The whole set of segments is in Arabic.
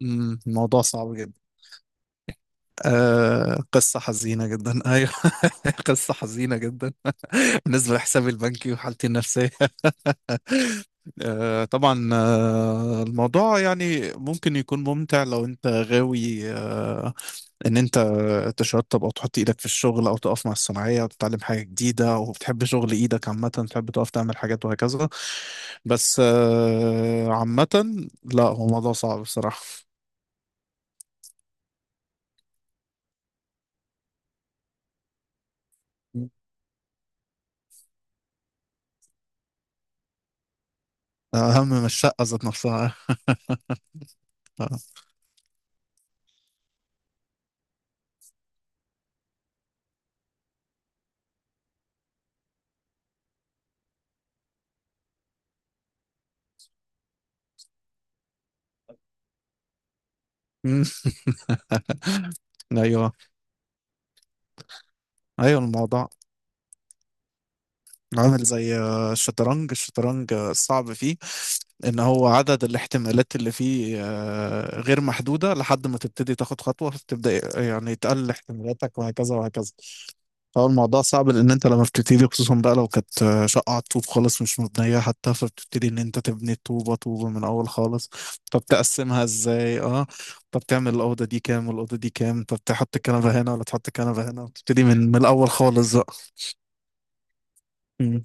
الموضوع صعب جدا. قصة حزينة جدا. أيوه. قصة حزينة جدا بالنسبة لحسابي البنكي وحالتي النفسية. طبعا. الموضوع يعني ممكن يكون ممتع لو أنت غاوي، إن أنت تشطب أو تحط إيدك في الشغل أو تقف مع الصناعية أو تتعلم حاجة جديدة أو بتحب شغل إيدك عامة تحب تقف تعمل حاجات وهكذا. بس عامة، لا هو موضوع صعب بصراحة. أهم من الشقة ذات نفسها. مم. ايوه. ايوه الموضوع عامل زي الشطرنج. الشطرنج، الصعب فيه ان هو عدد الاحتمالات اللي فيه غير محدوده لحد ما تبتدي تاخد خطوه، فتبدا يعني تقلل احتمالاتك وهكذا وهكذا. فهو الموضوع صعب لان انت لما بتبتدي، خصوصا بقى لو كانت شقه على الطوب خالص مش مبنيه حتى، فبتبتدي ان انت تبني الطوبه طوبه من اول خالص. طب تقسمها ازاي؟ اه. طب تعمل الاوضه دي كام والاوضه دي كام؟ طب تحط الكنبه هنا ولا تحط الكنبه هنا؟ تبتدي من الاول خالص. بقى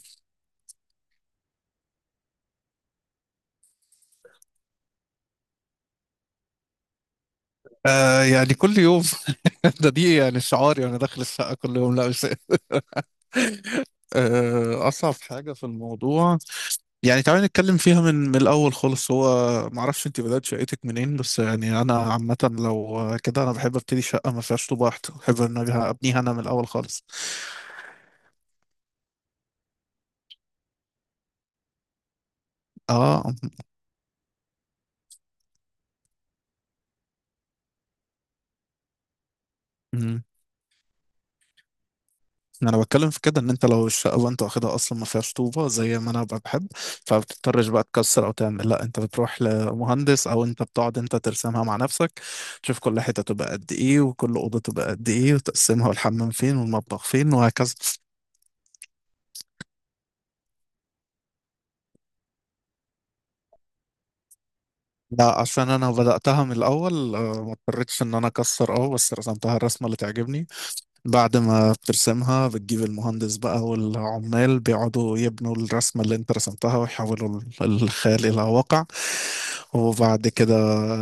يعني كل يوم. ده دي يعني شعاري وانا داخل الشقه كل يوم، لا مش، اصعب حاجه في الموضوع. يعني تعالى نتكلم فيها من الاول خالص. هو ما اعرفش انت بدات شقتك منين، بس يعني انا عامه لو كده انا بحب ابتدي شقه ما فيهاش طوب واحد، بحب ان أنا ابنيها انا من الاول خالص. اه، انا بتكلم في كده ان انت لو الشقه بقى انت واخدها اصلا ما فيهاش طوبه زي ما انا بقى بحب، فما بتضطرش بقى تكسر او تعمل. لا، انت بتروح لمهندس او انت بتقعد انت ترسمها مع نفسك، تشوف كل حته تبقى قد ايه وكل اوضه تبقى قد ايه وتقسمها، والحمام فين والمطبخ فين وهكذا. لا عشان انا بداتها من الاول، ما اضطريتش ان انا اكسر. اه بس رسمتها الرسمه اللي تعجبني. بعد ما بترسمها بتجيب المهندس بقى، والعمال بيقعدوا يبنوا الرسمة اللي انت رسمتها ويحولوا الخيال إلى واقع. وبعد كده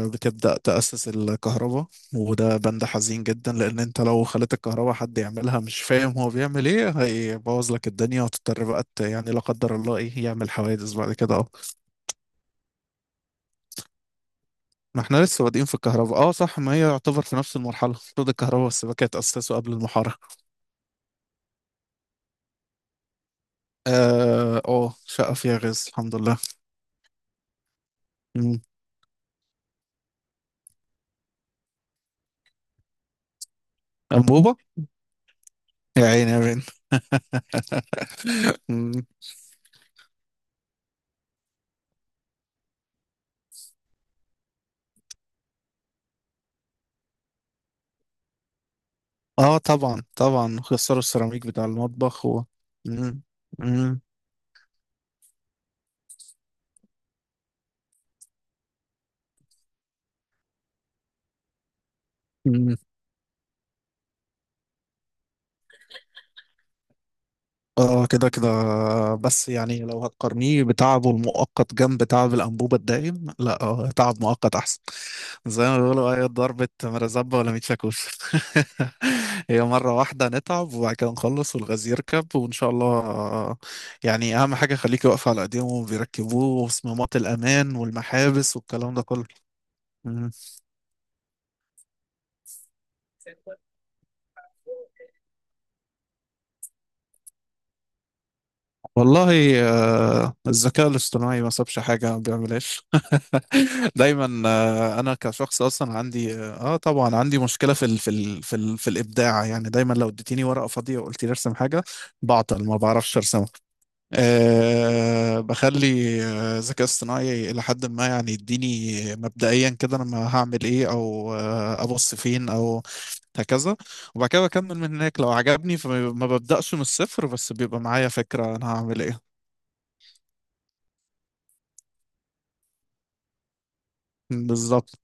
بتبدأ تأسس الكهرباء، وده بند حزين جدا لأن انت لو خليت الكهرباء حد يعملها مش فاهم هو بيعمل ايه، هيبوظ لك الدنيا وتضطر بقى يعني لا قدر الله ايه يعمل حوادث بعد كده. اه ما احنا لسه بادئين في الكهرباء. اه صح، ما هي يعتبر في نفس المرحلة المفروض الكهرباء والسباكة يتأسسوا قبل المحارة. اه شقة فيها غاز الحمد لله. مم. أنبوبة. يا عيني يا بنت. مم. اه طبعا طبعا، خسروا السيراميك بتاع المطبخ و... مم. مم. مم. اه كده كده. بس يعني لو هتقارنيه بتعبه المؤقت جنب تعب الأنبوبة الدائم، لا، اه تعب مؤقت أحسن. زي ما بيقولوا: أي ضربة مرزبة ولا ميت شاكوش. هي مرة واحدة نتعب وبعد كده نخلص والغاز يركب وإن شاء الله، يعني أهم حاجة خليكي واقفة على إيديهم وبيركبوه، وصمامات الأمان والمحابس والكلام ده كله. مم. والله، الذكاء الاصطناعي ما سابش حاجة ما بيعملهاش. دايما، أنا كشخص أصلا عندي طبعا عندي مشكلة في الإبداع. يعني دايما لو اديتيني ورقة فاضية وقلت لي ارسم حاجة، بعطل ما بعرفش أرسمها. أه بخلي الذكاء الاصطناعي إلى حد ما يعني يديني مبدئيا كده أنا ما هعمل إيه أو أبص فين، أو هكذا. وبعد كده بكمل من هناك لو عجبني، فما ما ببدأش من الصفر، بس بيبقى معايا فكرة أنا هعمل إيه. بالظبط.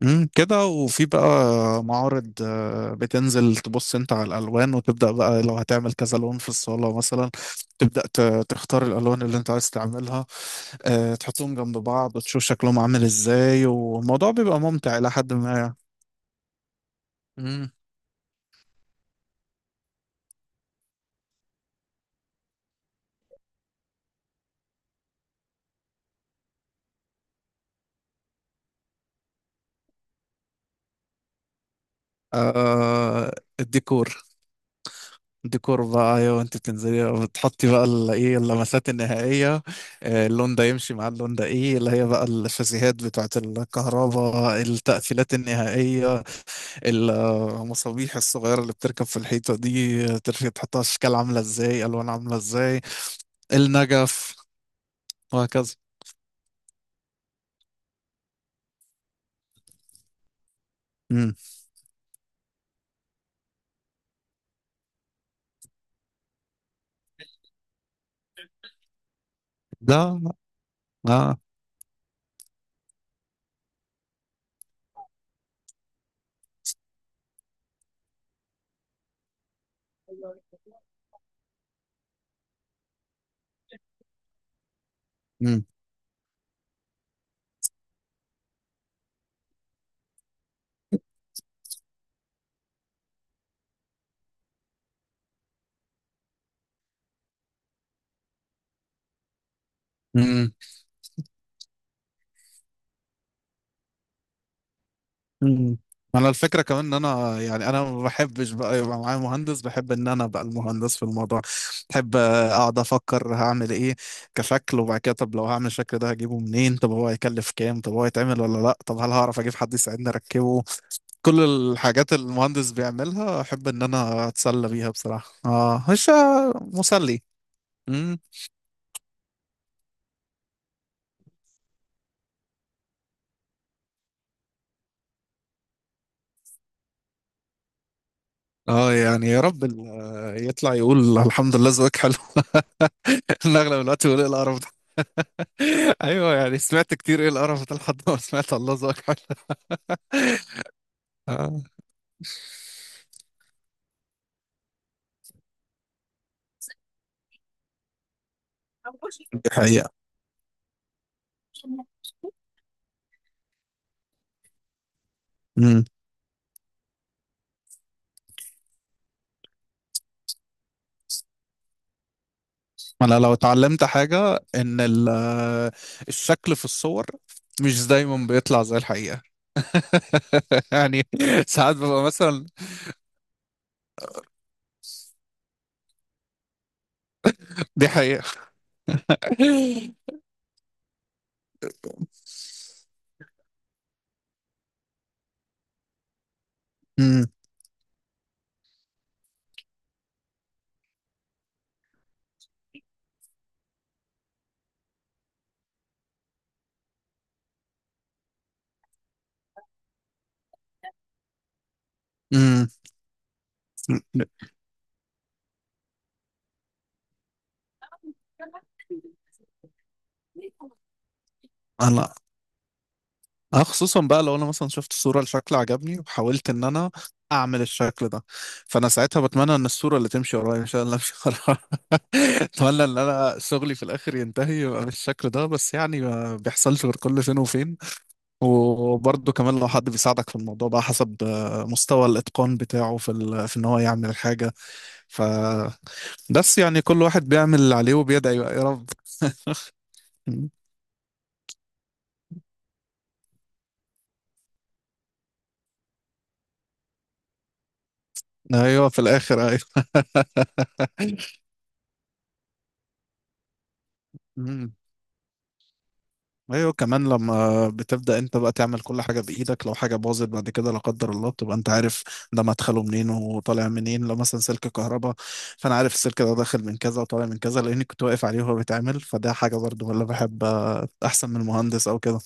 كده. وفي بقى معارض، بتنزل تبص انت على الالوان وتبدا بقى لو هتعمل كذا لون في الصاله مثلا. تبدا تختار الالوان اللي انت عايز تعملها، تحطهم جنب بعض وتشوف شكلهم عامل ازاي، والموضوع بيبقى ممتع الى حد ما. مم. آه، الديكور. ديكور بقى ايوه، انت بتنزلي بتحطي بقى ايه اللمسات النهائيه، اللون ده يمشي مع اللون ده، ايه اللي هي بقى الشاسيهات بتاعت الكهرباء، التقفيلات النهائيه، المصابيح الصغيره اللي بتركب في الحيطه دي، ترفي تحطها، اشكال عامله ازاي الوان عامله ازاي، النجف، وهكذا. امم. ده اه. امم. امم. انا الفكره كمان ان انا يعني انا ما بحبش بقى يبقى معايا مهندس، بحب ان انا ابقى المهندس في الموضوع. بحب اقعد افكر هعمل ايه كشكل، وبعد كده طب لو هعمل الشكل ده هجيبه منين، طب هو هيكلف كام، طب هو هيتعمل ولا لا، طب هل هعرف اجيب حد يساعدني اركبه. كل الحاجات اللي المهندس بيعملها احب ان انا اتسلى بيها بصراحه. اه، مش مسلي. امم. اه يعني يا رب يطلع يقول الحمد لله ذوقك حلو. إن اغلب الوقت يقول ايه القرف. ايوه يعني سمعت كتير ايه القرف ده لحد ما سمعت الله ذاك. آه، دي حقيقة. امم. انا لو اتعلمت حاجة ان الشكل في الصور مش دايما بيطلع زي الحقيقة. يعني ساعات ببقى مثلا، دي حقيقة. امم. امم. انا أنا خصوصا بقى لو انا مثلا شفت صورة لشكل عجبني وحاولت ان انا اعمل الشكل ده، فانا ساعتها بتمنى ان الصورة اللي تمشي ورايا مش انا اللي امشي. اتمنى ان انا شغلي في الاخر ينتهي يبقى بالشكل ده، بس يعني ما بيحصلش غير كل فين وفين. وبرضه كمان لو حد بيساعدك في الموضوع بقى حسب مستوى الاتقان بتاعه في ان هو يعمل الحاجه. ف بس يعني كل واحد بيعمل اللي عليه وبيدعي بقى يا رب. ايوه في الاخر ايوه. ايوه كمان لما بتبدأ انت بقى تعمل كل حاجة بإيدك، لو حاجة باظت بعد كده لا قدر الله بتبقى انت عارف ده مدخله منين وطالع منين. لو مثلا سلك كهرباء، فانا عارف السلك ده داخل من كذا وطالع من كذا لاني كنت واقف عليه وهو بيتعمل. فده حاجة برضه ولا، بحب احسن من مهندس او كده.